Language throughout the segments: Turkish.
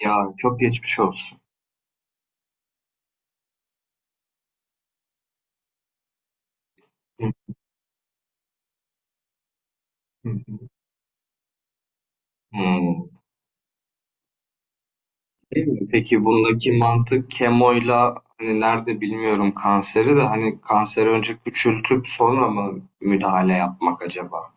Ya, çok geçmiş olsun. Hı hı. Hımm. Değil mi? Peki bundaki mantık kemoyla, hani, nerede bilmiyorum kanseri de, hani, kanseri önce küçültüp sonra mı müdahale yapmak acaba?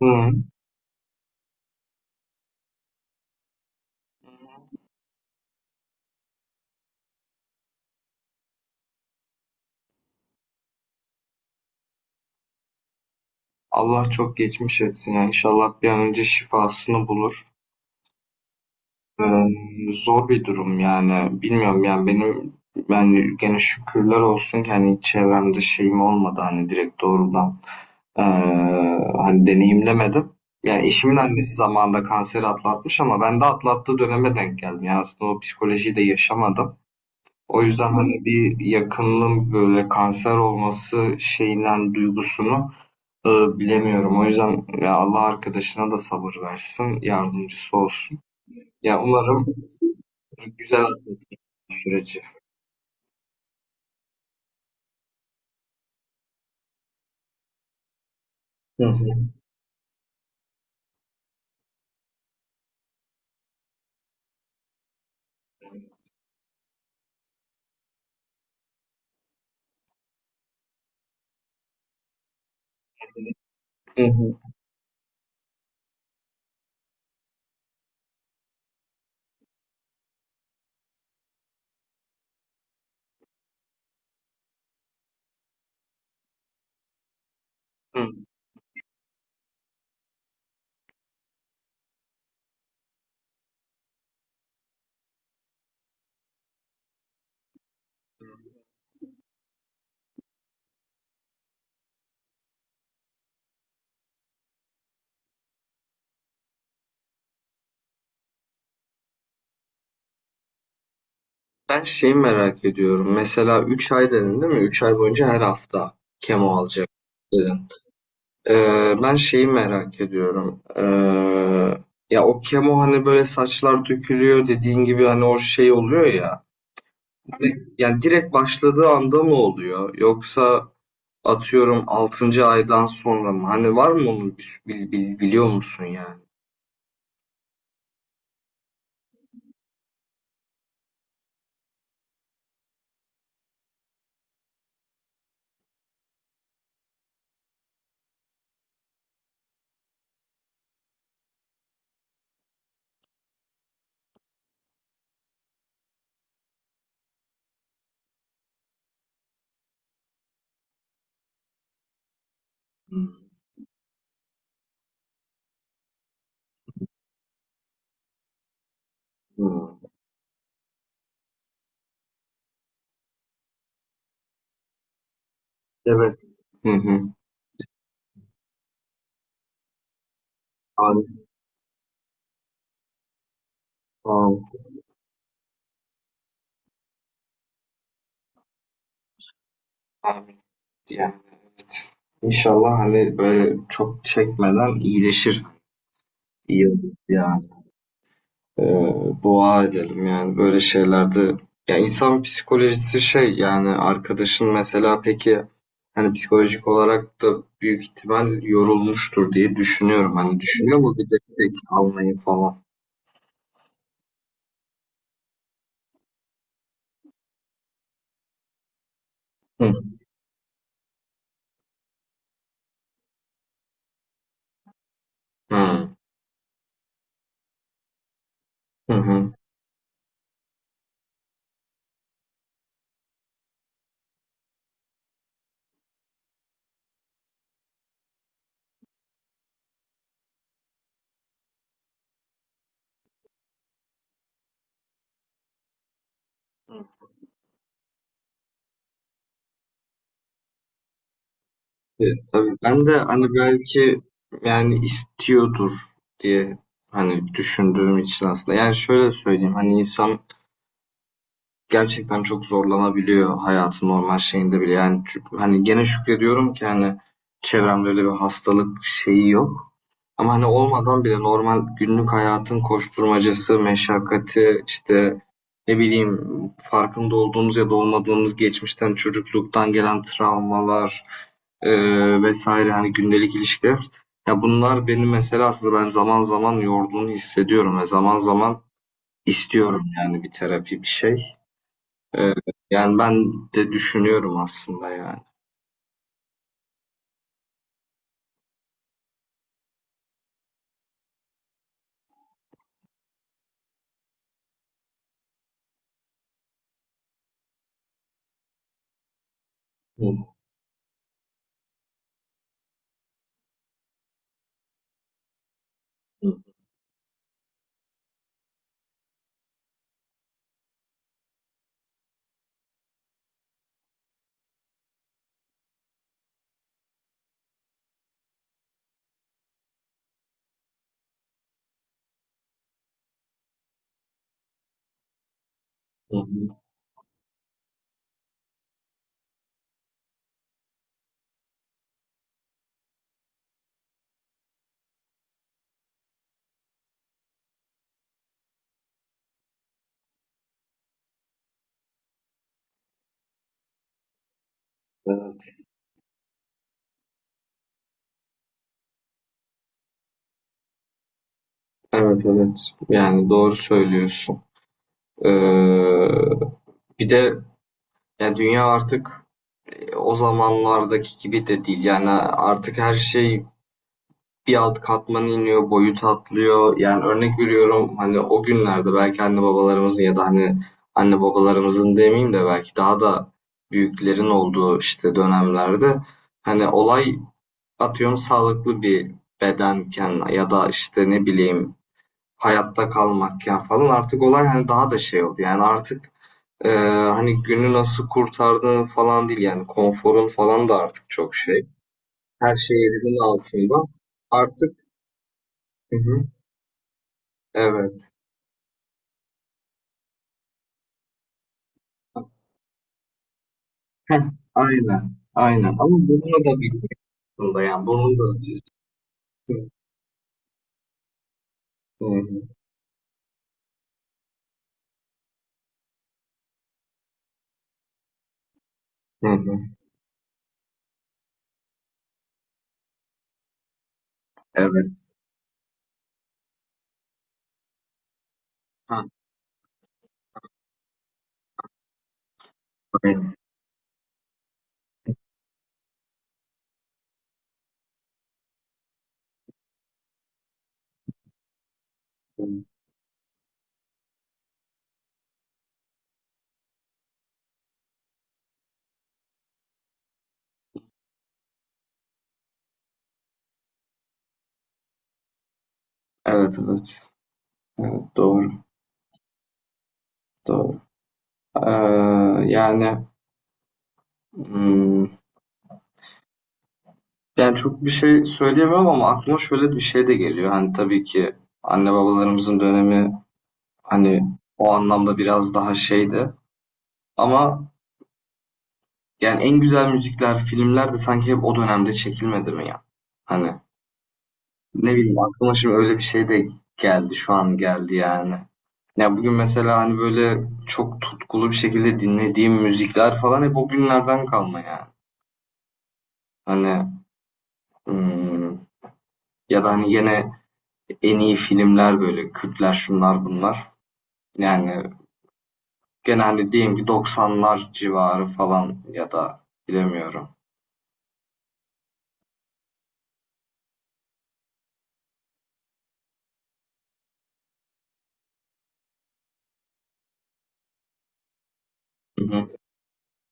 Hı. Allah çok geçmiş etsin ya. İnşallah bir an önce şifasını bulur. Zor bir durum yani. Bilmiyorum yani benim, yani gene şükürler olsun ki, hani, hiç çevremde şeyim olmadı, hani, direkt doğrudan, Eee, hani deneyimlemedim. Yani eşimin annesi zamanında kanseri atlatmış ama ben de atlattığı döneme denk geldim. Yani aslında o psikolojiyi de yaşamadım. O yüzden hani bir yakınının böyle kanser olması şeyinden duygusunu e, bilemiyorum. O yüzden ya Allah arkadaşına da sabır versin, yardımcısı olsun. Ya umarım güzel atlatır süreci. Hı hı. Hı hı. Hı. Ben şeyi merak ediyorum. Mesela 3 ay dedin değil mi? 3 ay boyunca her hafta kemo alacak. Ben şeyi merak ediyorum. Ya o kemo hani böyle saçlar dökülüyor dediğin gibi hani o şey oluyor ya. Yani direkt başladığı anda mı oluyor? Yoksa atıyorum altıncı aydan sonra mı? Hani var mı onun biliyor musun yani? Hmm. Hmm. Evet. Hı hı. Amin. Sağ. Amin. Yani İnşallah hani böyle çok çekmeden iyileşir. İyi olur yani. Ee, dua edelim yani böyle şeylerde, ya insan psikolojisi şey yani arkadaşın mesela peki hani psikolojik olarak da büyük ihtimal yorulmuştur diye düşünüyorum. Hani düşünüyor mu bir destek almayı falan? Hı. Hı. Hı hı. E, tabii ben de hani belki yani istiyordur diye hani düşündüğüm için aslında. Yani şöyle söyleyeyim hani insan gerçekten çok zorlanabiliyor hayatın normal şeyinde bile. Yani hani gene şükrediyorum ki hani çevremde öyle bir hastalık şeyi yok. Ama hani olmadan bile normal günlük hayatın koşturmacası, meşakkati, işte ne bileyim, farkında olduğumuz ya da olmadığımız geçmişten, çocukluktan gelen travmalar, vs. hani gündelik ilişkiler. Ya bunlar beni mesela aslında ben zaman zaman yorduğunu hissediyorum ve zaman zaman istiyorum yani bir terapi, bir şey. Eee, yani ben de düşünüyorum aslında yani. Hı hı, hı hı. Evet. Evet evet. Yani doğru söylüyorsun. Eee, bir de yani dünya artık o zamanlardaki gibi de değil. Yani artık her şey bir alt katmana iniyor, boyut atlıyor. Yani örnek veriyorum hani o günlerde belki anne babalarımızın ya da hani anne babalarımızın demeyeyim de belki daha da büyüklerin olduğu işte dönemlerde hani olay atıyorum sağlıklı bir bedenken ya da işte ne bileyim hayatta kalmakken falan artık olay hani daha da şey oldu. Yani artık, e, hani günü nasıl kurtardığın falan değil yani konforun falan da artık çok şey. Her şey elinin altında. Artık, hı hı, evet. Heh, aynen. Aynen. Ama bunu da biliyorsun da yani bunun da ötesi. Hı hı, hı hı. Evet. Ha, aynen. Evet evet. Doğru. Doğru. Ee, yani, hımm, yani çok bir şey söyleyemem ama aklıma şöyle bir şey de geliyor. Hani tabii ki anne babalarımızın dönemi, hani, o anlamda biraz daha şeydi, ama yani en güzel müzikler, filmler de sanki hep o dönemde çekilmedi mi ya? Hani ne bileyim, aklıma şimdi öyle bir şey de geldi, şu an geldi yani. Ya, bugün mesela hani böyle çok tutkulu bir şekilde dinlediğim müzikler falan hep o günlerden kalma yani. Hani, ımm, ya da hani gene en iyi filmler böyle Kürtler şunlar bunlar. Yani genelde diyeyim ki 90'lar civarı falan ya da bilemiyorum. Hı hı,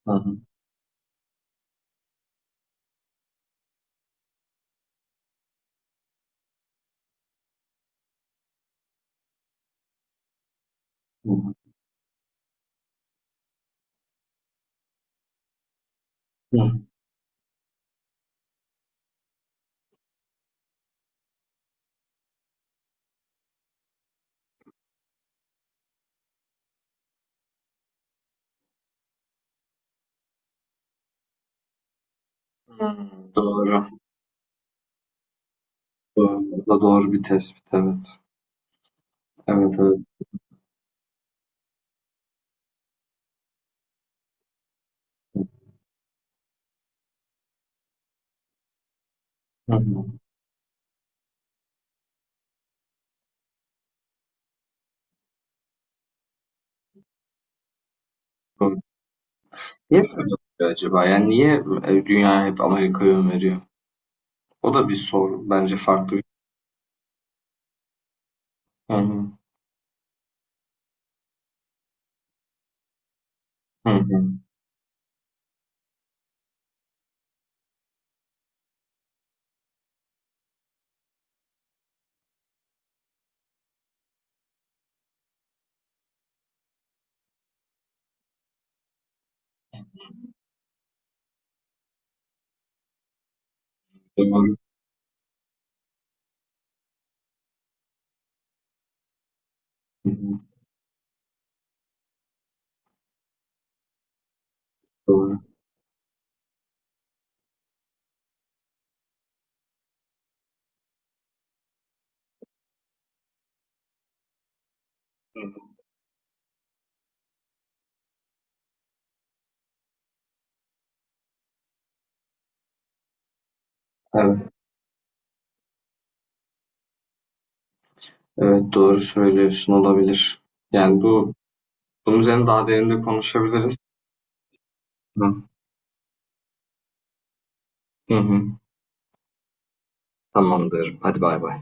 hı hı, hı hı. Hı. Doğru. Doğru. Bu da doğru bir tespit, evet. Evet evet. Hı hı. Doğru. Niye böyle oluyor acaba? Yani niye dünya hep Amerika'ya öneriyor? O da bir soru. Bence farklı bir, hı hı, hı hı. Doğru. Hı hı. Doğru. Evet, evet doğru söylüyorsun olabilir. Yani bu, bunun üzerine daha derinde konuşabiliriz. Hı. Hı. Tamamdır. Hadi bay bay.